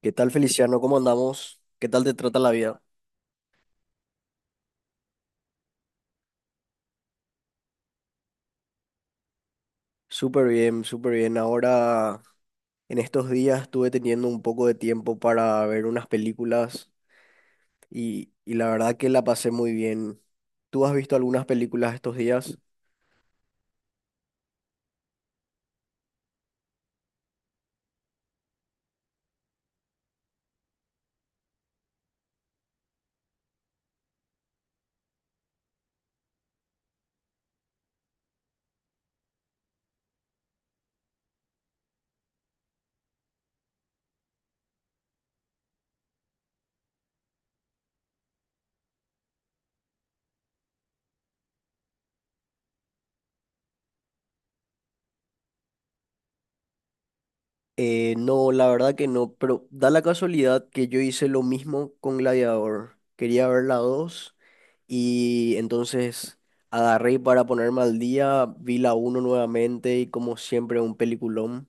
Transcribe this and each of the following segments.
¿Qué tal, Feliciano? ¿Cómo andamos? ¿Qué tal te trata la vida? Súper bien, súper bien. Ahora, en estos días estuve teniendo un poco de tiempo para ver unas películas y la verdad que la pasé muy bien. ¿Tú has visto algunas películas estos días? No, la verdad que no, pero da la casualidad que yo hice lo mismo con Gladiador. Quería ver la 2 y entonces agarré para ponerme al día, vi la uno nuevamente y como siempre un peliculón.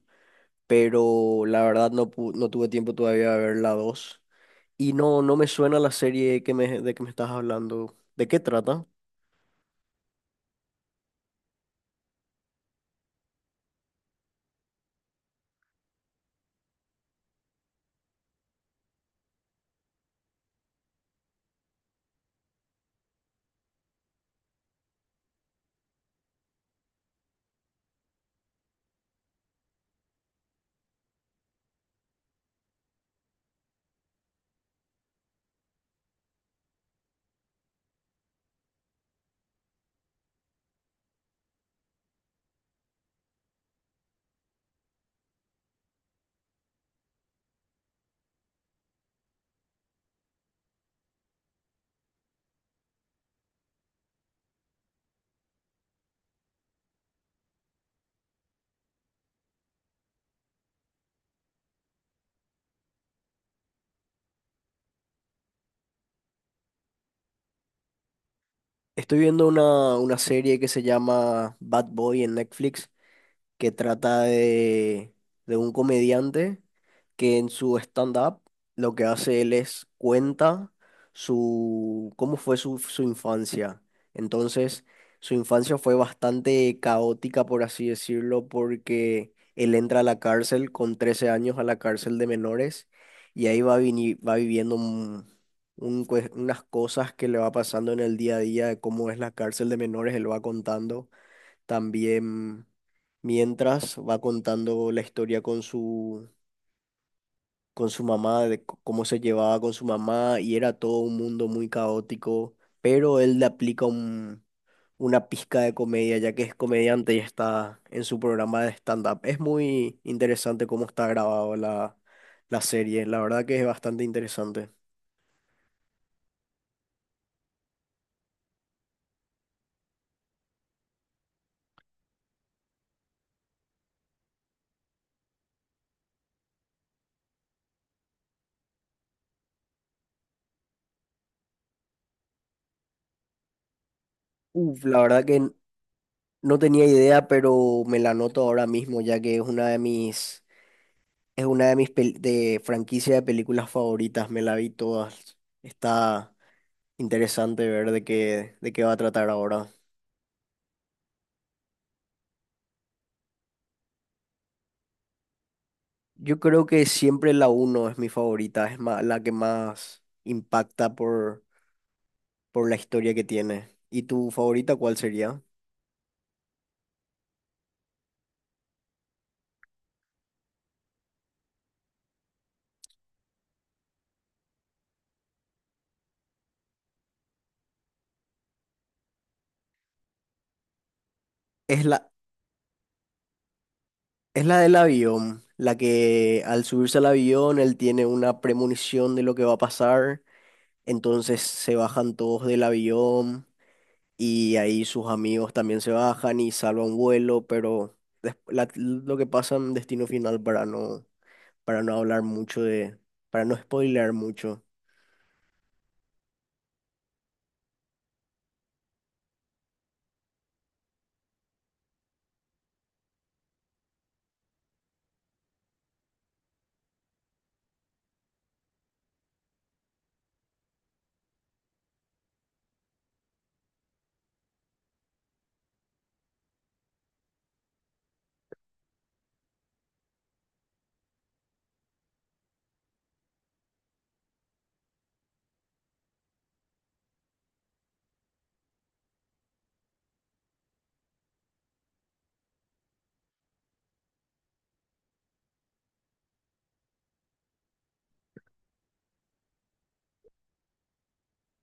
Pero la verdad no, no tuve tiempo todavía de ver la dos. Y no, no me suena la serie de que me estás hablando. ¿De qué trata? Estoy viendo una serie que se llama Bad Boy en Netflix, que trata de un comediante que en su stand-up lo que hace él es cuenta su, cómo fue su infancia. Entonces, su infancia fue bastante caótica, por así decirlo, porque él entra a la cárcel con 13 años, a la cárcel de menores, y ahí va viviendo unas cosas que le va pasando en el día a día de cómo es la cárcel de menores, él va contando también mientras va contando la historia con su mamá, cómo se llevaba con su mamá, y era todo un mundo muy caótico, pero él le aplica una pizca de comedia, ya que es comediante y está en su programa de stand-up. Es muy interesante cómo está grabado la serie, la verdad que es bastante interesante. Uf, la verdad que no tenía idea, pero me la anoto ahora mismo, ya que es una de es una de mis de franquicia de películas favoritas, me la vi todas. Está interesante ver de qué va a tratar ahora. Yo creo que siempre la uno es mi favorita, es la que más impacta por la historia que tiene. ¿Y tu favorita cuál sería? Es la, es la del avión, la que al subirse al avión él tiene una premonición de lo que va a pasar, entonces se bajan todos del avión y ahí sus amigos también se bajan y salvan vuelo, pero lo que pasa en Destino Final para no hablar mucho de, para no spoilear mucho.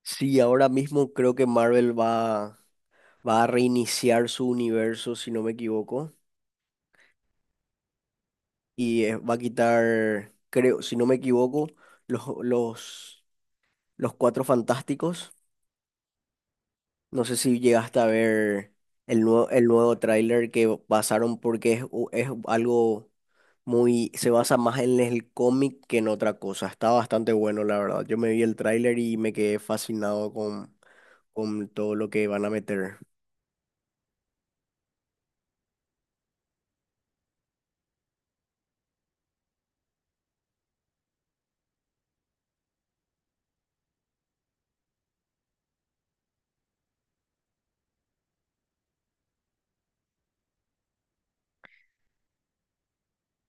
Sí, ahora mismo creo que va a reiniciar su universo, si no me equivoco, y va a quitar, creo, si no me equivoco, los, los, los Cuatro Fantásticos. No sé si llegaste a ver el nuevo tráiler que pasaron porque es, es algo muy, se basa más en el cómic que en otra cosa. Está bastante bueno, la verdad. Yo me vi el tráiler y me quedé fascinado con todo lo que van a meter.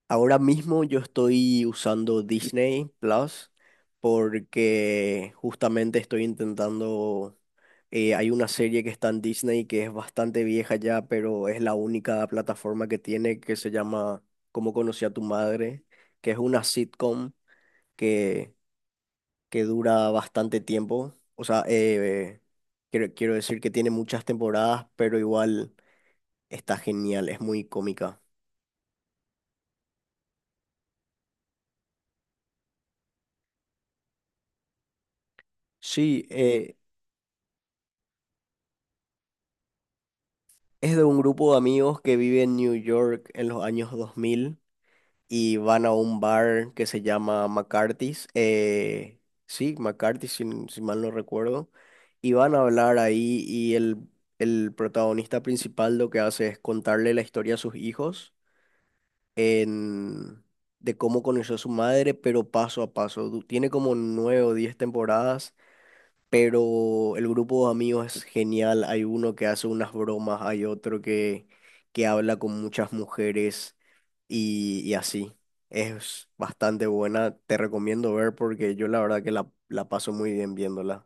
Ahora mismo yo estoy usando Disney Plus porque justamente estoy intentando, hay una serie que está en Disney que es bastante vieja ya, pero es la única plataforma que tiene que se llama Cómo conocí a tu madre, que es una sitcom que, que dura bastante tiempo. O sea, quiero decir que tiene muchas temporadas, pero igual está genial, es muy cómica. Sí, es de un grupo de amigos que vive en New York en los años 2000 y van a un bar que se llama McCarthy's. Sí, McCarthy's, si, si mal no recuerdo. Y van a hablar ahí el protagonista principal lo que hace es contarle la historia a sus hijos en, de cómo conoció a su madre, pero paso a paso. Tiene como nueve o diez temporadas, pero el grupo de amigos es genial. Hay uno que hace unas bromas, hay otro que habla con muchas mujeres y así. Es bastante buena, te recomiendo ver porque yo la verdad que la paso muy bien viéndola.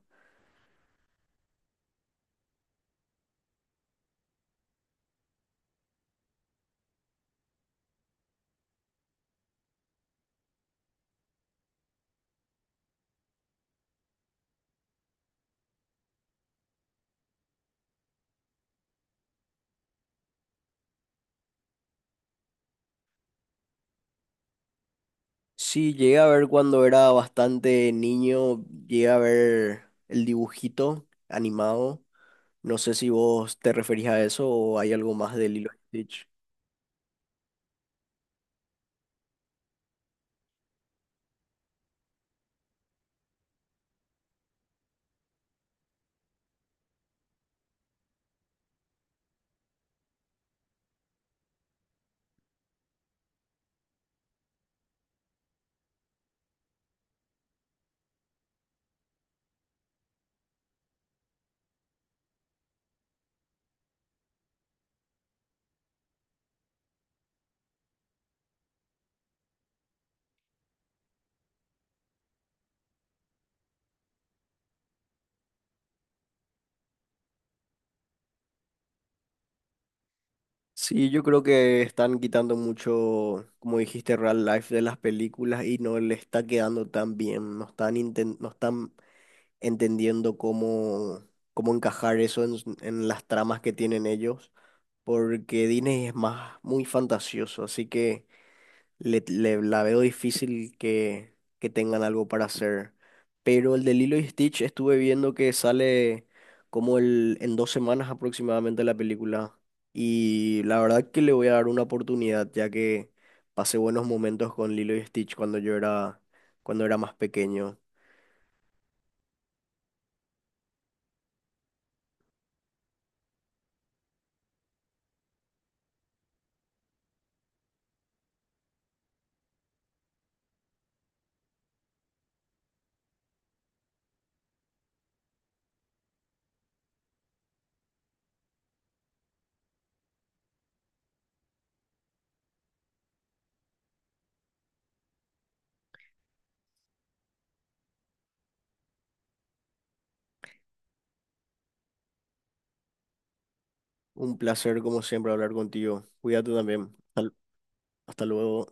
Sí, llegué a ver cuando era bastante niño, llegué a ver el dibujito animado. No sé si vos te referís a eso o hay algo más de Lilo y Stitch. Sí, yo creo que están quitando mucho, como dijiste, real life de las películas y no le está quedando tan bien. No están, no están entendiendo cómo encajar eso en, en las tramas que tienen ellos, porque Disney es más muy fantasioso, así que la veo difícil que tengan algo para hacer. Pero el de Lilo y Stitch estuve viendo que sale en dos semanas aproximadamente la película. Y la verdad que le voy a dar una oportunidad, ya que pasé buenos momentos con Lilo y Stitch cuando cuando era más pequeño. Un placer, como siempre, hablar contigo. Cuídate también. Hasta luego.